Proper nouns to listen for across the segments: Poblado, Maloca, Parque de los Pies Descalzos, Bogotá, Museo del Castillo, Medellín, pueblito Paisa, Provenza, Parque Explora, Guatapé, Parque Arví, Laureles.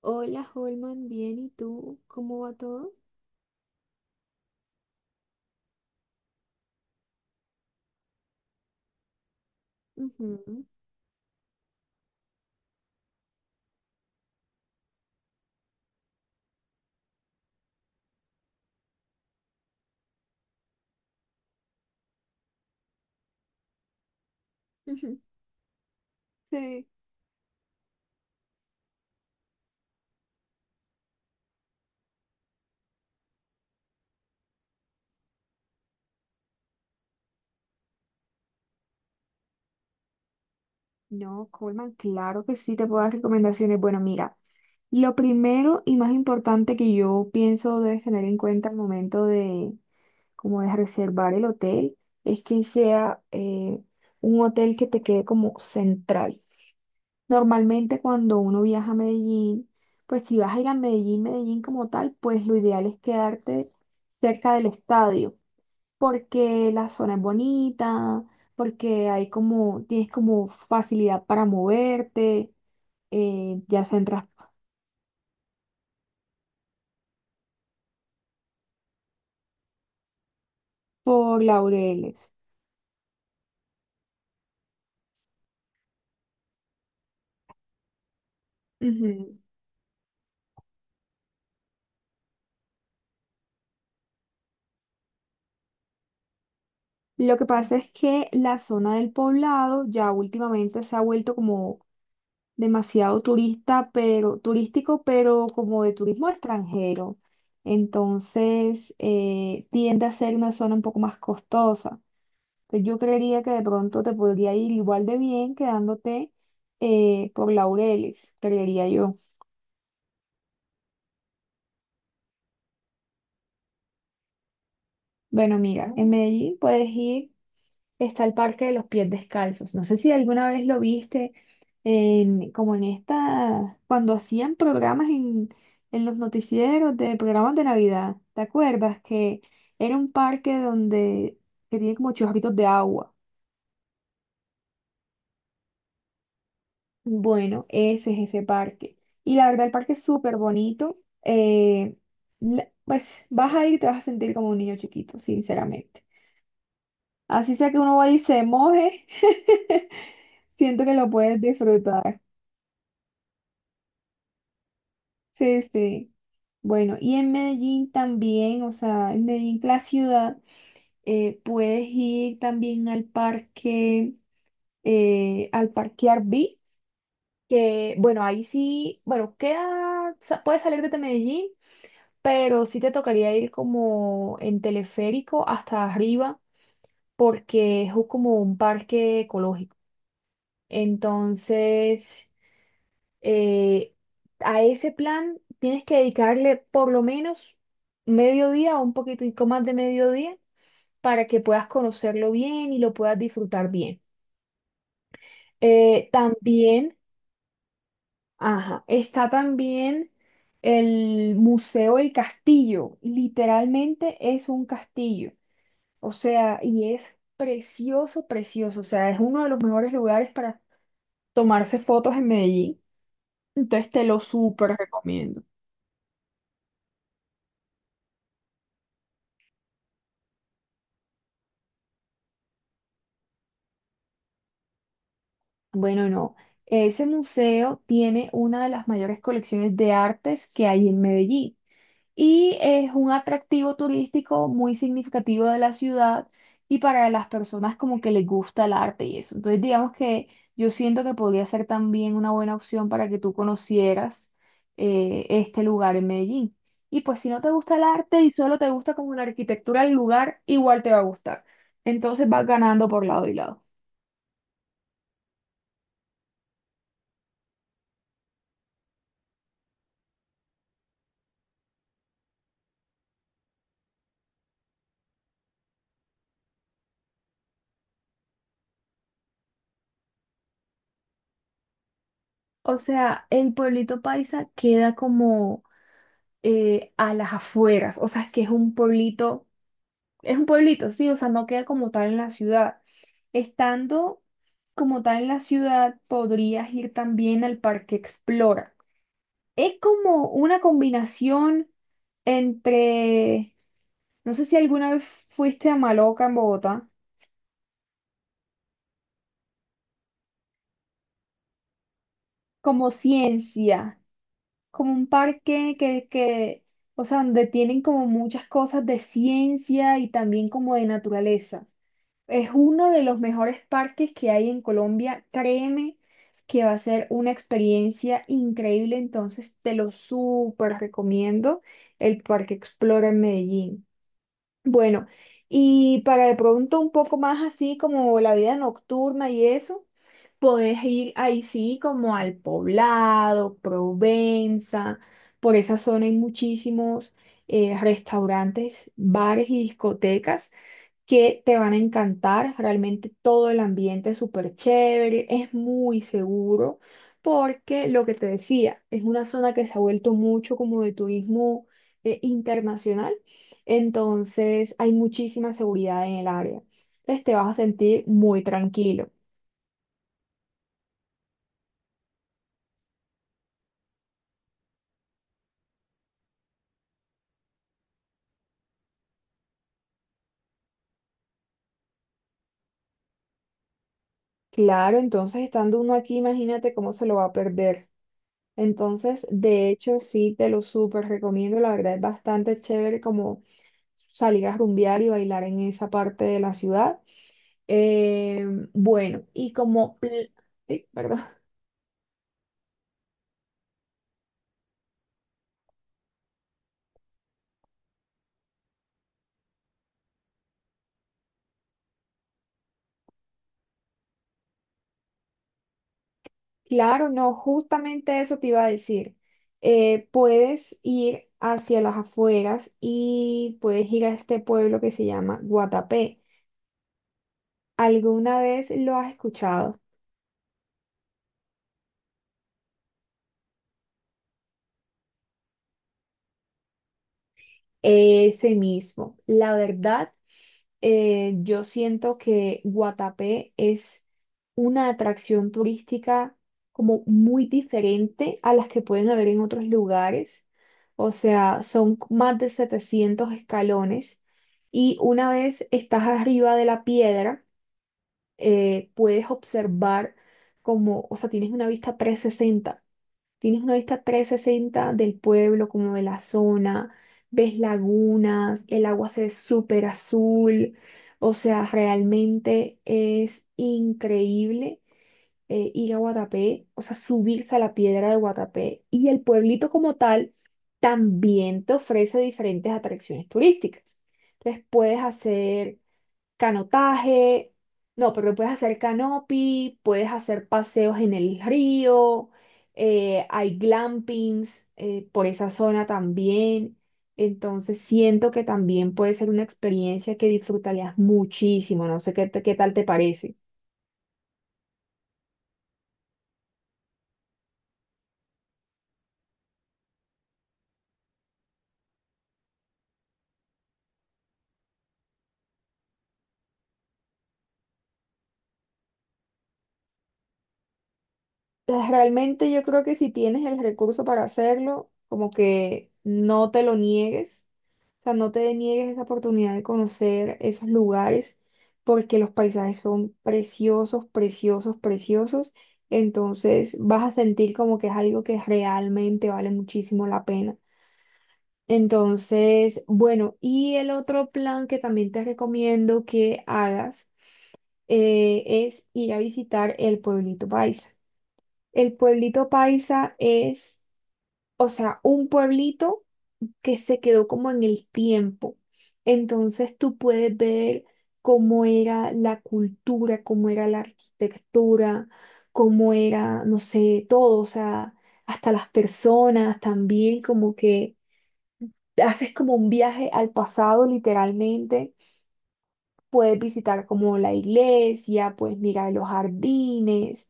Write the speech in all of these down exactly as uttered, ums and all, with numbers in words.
Hola, Holman, bien, ¿y tú? ¿Cómo va todo? Ujú, ujú, sí. No, Holman, claro que sí te puedo dar recomendaciones. Bueno, mira, lo primero y más importante que yo pienso debes tener en cuenta al momento de, como de reservar el hotel, es que sea eh, un hotel que te quede como central. Normalmente cuando uno viaja a Medellín, pues si vas a ir a Medellín, Medellín como tal, pues lo ideal es quedarte cerca del estadio. Porque la zona es bonita, porque hay como, tienes como facilidad para moverte, eh, ya se entras por Laureles. Ujú. Lo que pasa es que la zona del poblado ya últimamente se ha vuelto como demasiado turista, pero turístico, pero como de turismo extranjero. Entonces, eh, tiende a ser una zona un poco más costosa. Entonces, yo creería que de pronto te podría ir igual de bien quedándote eh, por Laureles, creería yo. Bueno, mira, en Medellín puedes ir, está el Parque de los Pies Descalzos. No sé si alguna vez lo viste en- como en esta, cuando hacían programas en, en los noticieros de programas de Navidad. ¿Te acuerdas que era un parque donde que tiene como chorritos de agua? Bueno, ese es ese parque. Y la verdad, el parque es súper bonito. eh, la- pues vas a ir y te vas a sentir como un niño chiquito, sinceramente. Así sea que uno vaya y se moje, siento que lo puedes disfrutar. Sí, sí. Bueno, y en Medellín también, o sea, en Medellín, la ciudad, eh, puedes ir también al parque, eh, al parque Arví, que bueno, ahí sí, bueno, queda, sa- puedes salir desde Medellín pero sí te tocaría ir como en teleférico hasta arriba porque es u- como un parque ecológico. Entonces, eh, a ese plan tienes que dedicarle por lo menos mediodía o un poquitico más de mediodía para que puedas conocerlo bien y lo puedas disfrutar bien. Eh, también, ajá, está también el Museo del Castillo. Literalmente es un castillo. O sea, y es precioso, precioso. O sea, es uno de los mejores lugares para tomarse fotos en Medellín. Entonces te lo súper recomiendo. Bueno, no. Ese museo tiene una de las mayores colecciones de artes que hay en Medellín. Y es un atractivo turístico muy significativo de la ciudad y para las personas como que les gusta el arte y eso. Entonces, digamos que yo siento que podría ser también una buena opción para que tú conocieras eh, este lugar en Medellín. Y pues si no te gusta el arte y solo te gusta como la arquitectura del lugar, igual te va a gustar. Entonces vas ganando por lado y lado. O sea, el pueblito Paisa queda como eh, a las afueras, o sea, es que es un pueblito. Es un pueblito, sí, o sea, no queda como tal en la ciudad. Estando como tal en la ciudad, podrías ir también al Parque Explora. Es como una combinación entre, no sé si alguna vez fuiste a Maloca en Bogotá, como ciencia, como un parque que, que, o sea, donde tienen como muchas cosas de ciencia y también como de naturaleza. Es uno de los mejores parques que hay en Colombia. Créeme que va a ser una experiencia increíble, entonces te lo súper recomiendo, el Parque Explora en Medellín. Bueno, y para de pronto un poco más así como la vida nocturna y eso, podés ir ahí sí como al Poblado, Provenza, por esa zona hay muchísimos eh, restaurantes, bares y discotecas que te van a encantar. Realmente todo el ambiente es súper chévere, es muy seguro, porque lo que te decía, es una zona que se ha vuelto mucho como de turismo eh, internacional, entonces hay muchísima seguridad en el área. Entonces te vas a sentir muy tranquilo. Claro, entonces estando uno aquí, imagínate cómo se lo va a perder. Entonces, de hecho, sí, te lo súper recomiendo. La verdad es bastante chévere como salir a rumbear y bailar en esa parte de la ciudad. Eh, bueno, y como, pl- ay, perdón. Claro, no, justamente eso te iba a decir. Eh, puedes ir hacia las afueras y puedes ir a este pueblo que se llama Guatapé. ¿Alguna vez lo has escuchado? Ese mismo. La verdad. eh, yo siento que Guatapé es una atracción turística como muy diferente a las que pueden haber en otros lugares. O sea, son más de setecientos escalones y una vez estás arriba de la piedra, eh, puedes observar como, o sea, tienes una vista trescientos sesenta. Tienes una vista trescientos sesenta del pueblo, como de la zona, ves lagunas, el agua se ve súper azul, o sea, realmente es increíble eh, ir a Guatapé, o sea, subirse a la piedra de Guatapé y el pueblito como tal también te ofrece diferentes atracciones turísticas. Entonces puedes hacer canotaje, no, pero puedes hacer canopy, puedes hacer paseos en el río, eh, hay glampings eh, por esa zona también. Entonces siento que también puede ser una experiencia que disfrutarías muchísimo. No sé qué, te- qué tal te parece. Pues, realmente yo creo que si tienes el recurso para hacerlo, como que no te lo niegues, o sea, no te niegues esa oportunidad de conocer esos lugares, porque los paisajes son preciosos, preciosos, preciosos, entonces vas a sentir como que es algo que realmente vale muchísimo la pena. Entonces, bueno, y el otro plan que también te recomiendo que hagas eh, es ir a visitar el pueblito paisa. El pueblito paisa es, o sea, un pueblito que se quedó como en el tiempo. Entonces tú puedes ver cómo era la cultura, cómo era la arquitectura, cómo era, no sé, todo, o sea, hasta las personas también, como que haces como un viaje al pasado literalmente. Puedes visitar como la iglesia, puedes mirar los jardines.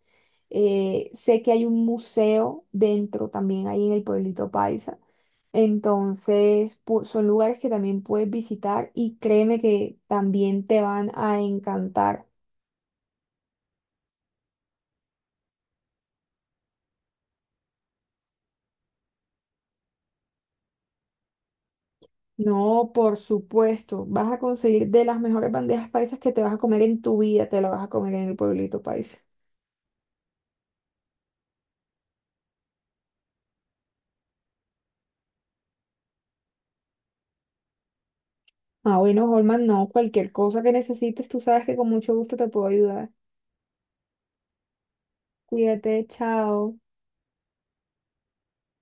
eh, sé que hay un museo dentro también ahí en el pueblito Paisa. Entonces, pu- son lugares que también puedes visitar y créeme que también te van a encantar. No, por supuesto, vas a conseguir de las mejores bandejas paisas que te vas a comer en tu vida, te la vas a comer en el pueblito paisa. Ah, bueno, Holman, no, cualquier cosa que necesites, tú sabes que con mucho gusto te puedo ayudar. Cuídate, chao.